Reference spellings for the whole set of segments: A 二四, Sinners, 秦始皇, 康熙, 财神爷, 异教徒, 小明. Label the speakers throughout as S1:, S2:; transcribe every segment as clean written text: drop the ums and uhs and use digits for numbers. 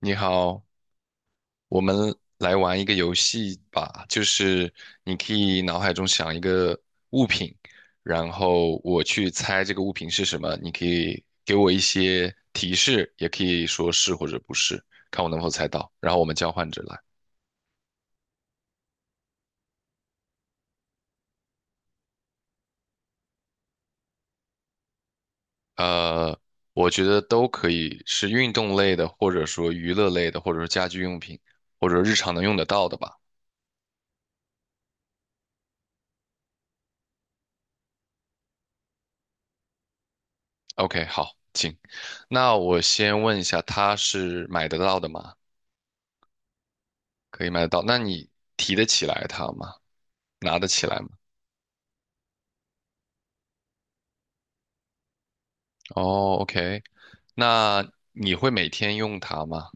S1: 你好，我们来玩一个游戏吧，就是你可以脑海中想一个物品，然后我去猜这个物品是什么，你可以给我一些提示，也可以说是或者不是，看我能否猜到，然后我们交换着来。呃，我觉得都可以，是运动类的，或者说娱乐类的，或者说家居用品，或者日常能用得到的吧。OK，好，请。那我先问一下，它是买得到的吗？可以买得到。那你提得起来它吗？拿得起来吗？哦，OK，那你会每天用它吗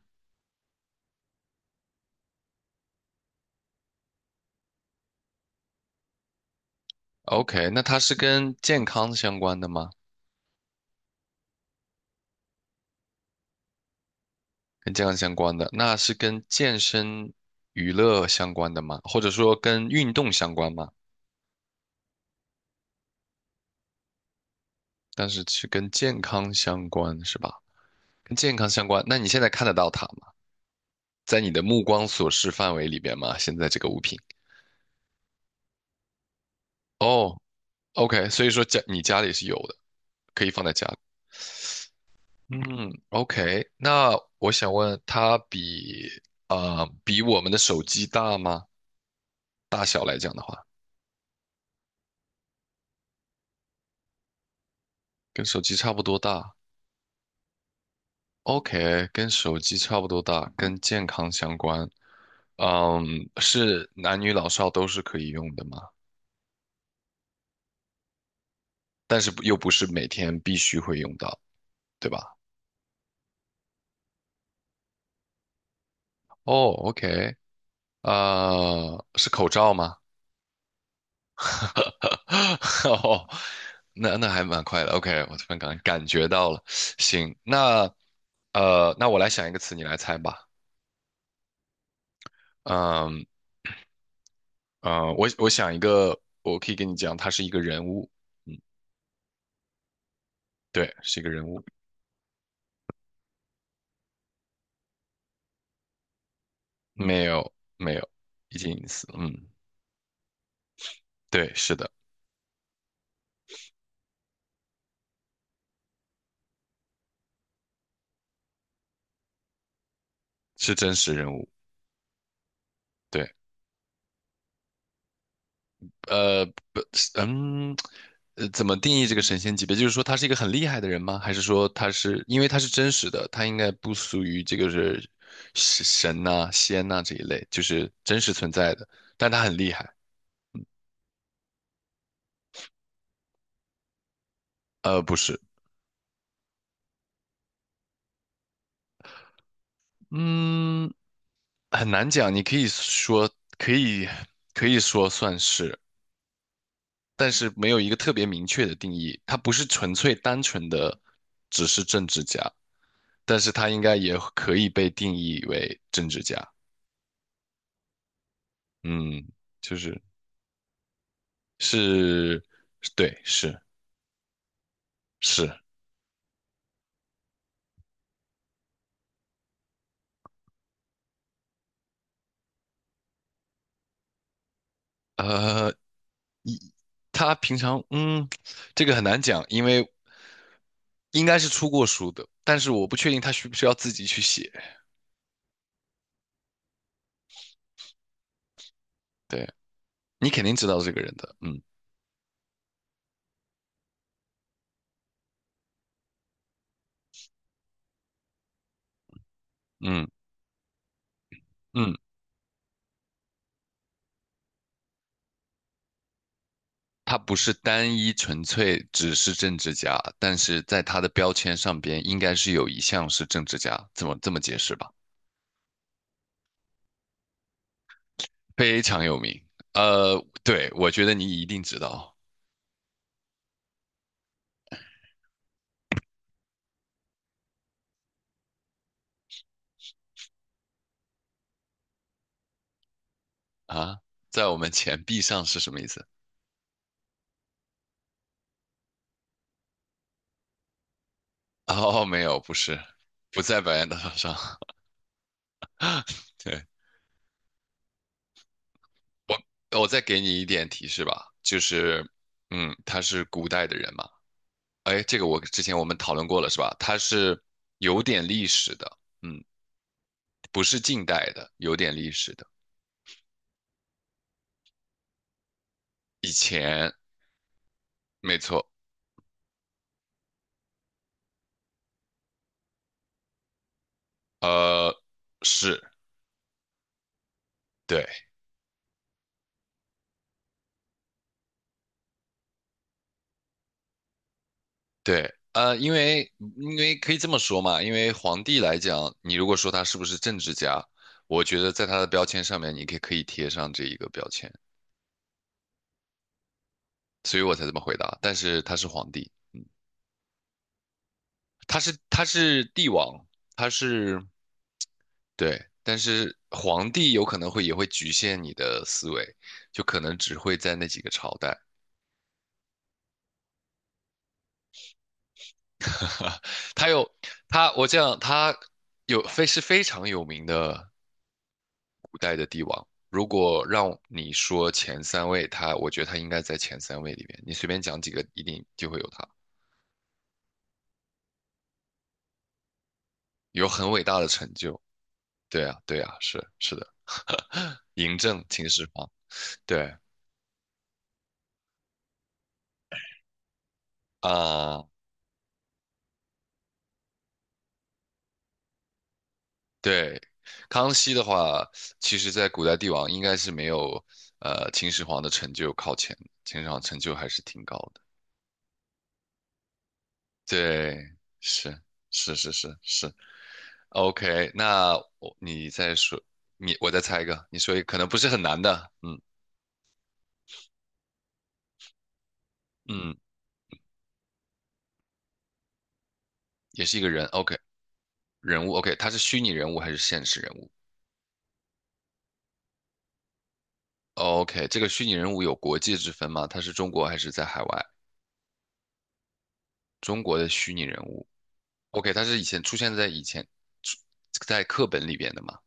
S1: ？OK，那它是跟健康相关的吗？跟健康相关的，那是跟健身、娱乐相关的吗？或者说跟运动相关吗？但是是跟健康相关是吧？跟健康相关，那你现在看得到它吗？在你的目光所视范围里边吗？现在这个物品？哦，OK，所以说家你家里是有的，可以放在家里。嗯，OK，那我想问，它比比我们的手机大吗？大小来讲的话，跟手机差不多大。OK，跟手机差不多大，跟健康相关。嗯，是男女老少都是可以用的吗？但是不又不是每天必须会用到，对吧？哦，OK，是口罩吗？哦，那那还蛮快的。OK，我突然感觉到了。行，那那我来想一个词，你来猜吧。嗯我想一个，我可以跟你讲，他是一个人物，对，是一个人物，没有没有，已经隐私了，嗯，对，是的，是真实人物，对，呃，不，嗯，怎么定义这个神仙级别？就是说他是一个很厉害的人吗？还是说他是因为他是真实的，他应该不属于这个是神呐、仙呐、这一类，就是真实存在的，但他很厉害。不是，嗯。很难讲，你可以说可以可以说算是，但是没有一个特别明确的定义。他不是纯粹单纯的只是政治家，但是他应该也可以被定义为政治家。嗯，就是是，对，是是，呃，他平常这个很难讲，因为应该是出过书的，但是我不确定他需不需要自己去写。对，你肯定知道这个人的，嗯嗯。他不是单一纯粹只是政治家，但是在他的标签上边应该是有一项是政治家，这么这么解释吧？非常有名。对，我觉得你一定知道啊，在我们钱币上是什么意思？哦，没有，不是，不在白洋淀上。对，我再给你一点提示吧，就是，嗯，他是古代的人嘛。哎，这个我之前我们讨论过了是吧？他是有点历史的。嗯。不是近代的，有点历史的。以前，没错，呃，是，对对，因为因为可以这么说嘛，因为皇帝来讲，你如果说他是不是政治家，我觉得在他的标签上面，你可以贴上这一个标签，所以我才这么回答。但是他是皇帝，他是帝王，他是对，但是皇帝有可能会也会局限你的思维，就可能只会在那几个朝代。他有他，我这样，他有非常有名的古代的帝王。如果让你说前三位，他我觉得他应该在前三位里面。你随便讲几个，一定就会有他，有很伟大的成就。对啊，对啊，是是的，嬴政、秦始皇，对啊，对。康熙的话，其实在古代帝王应该是没有秦始皇的成就靠前，秦始皇成就还是挺高的。对，是是是是是，OK，那我你再说，你我再猜一个，你说一个可能不是很难的，嗯，也是一个人，OK，人物，OK，他是虚拟人物还是现实人物？OK，这个虚拟人物有国界之分吗？他是中国还是在海外？中国的虚拟人物，OK，他是以前出现在以前出在课本里边的吗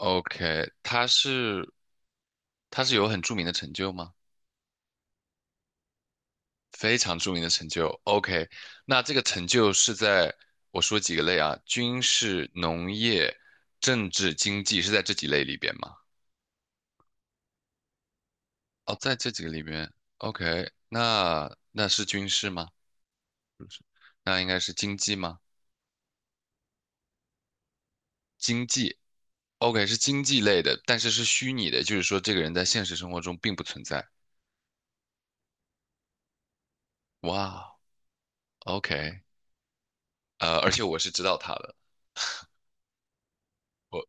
S1: ？OK，他是有很著名的成就吗？非常著名的成就。OK，那这个成就是在我说几个类啊，军事、农业、政治、经济是在这几类里边吗？哦，在这几个里边。OK，那那是军事吗？那应该是经济吗？经济，OK，是经济类的，但是是虚拟的，就是说这个人在现实生活中并不存在。哇，OK，而且我是知道他的，我。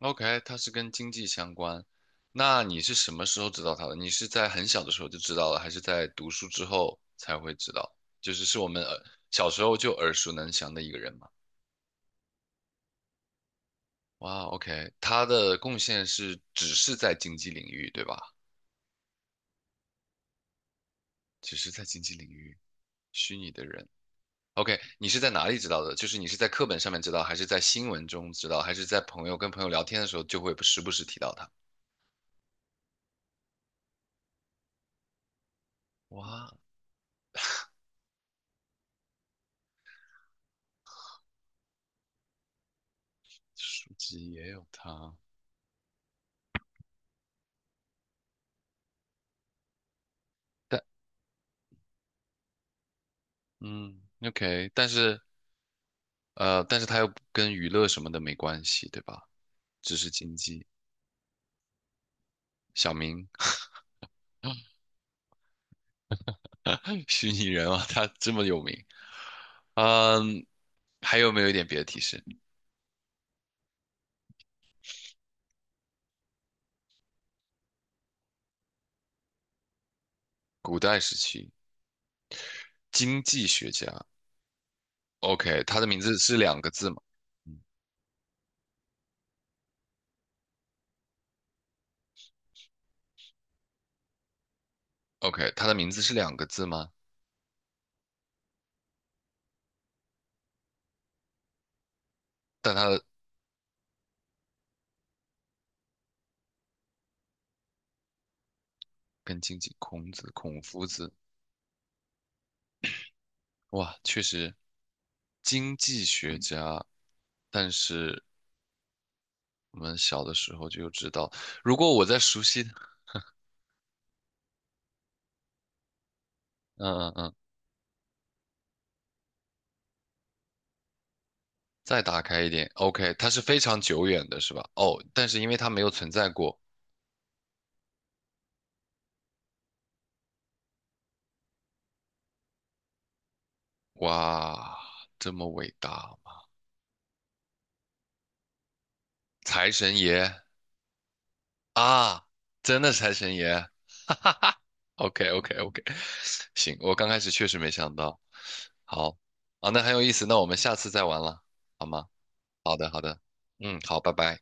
S1: OK，它是跟经济相关。那你是什么时候知道它的？你是在很小的时候就知道了，还是在读书之后才会知道？就是是我们小时候就耳熟能详的一个人嘛。哇，OK，他的贡献是只是在经济领域，对吧？只是在经济领域，虚拟的人。OK，你是在哪里知道的？就是你是在课本上面知道，还是在新闻中知道，还是在朋友跟朋友聊天的时候就会时不时提到他？哇，书籍也有他。嗯，OK，但是但是它又跟娱乐什么的没关系，对吧？只是经济。小明，虚拟人啊，他这么有名。嗯，还有没有一点别的提示？古代时期经济学家，OK，他的名字是两个字吗？OK，他的名字是两个字吗？但他的跟经济，孔子、孔夫子，哇，确实经济学家，但是我们小的时候就知道，如果我在熟悉，嗯嗯嗯，再打开一点，OK，它是非常久远的，是吧？哦，但是因为它没有存在过，哇，这么伟大吗？财神爷啊，真的财神爷，OK OK OK，行，我刚开始确实没想到，好，啊，那很有意思，那我们下次再玩了，好吗？好的好的，嗯，好，拜拜。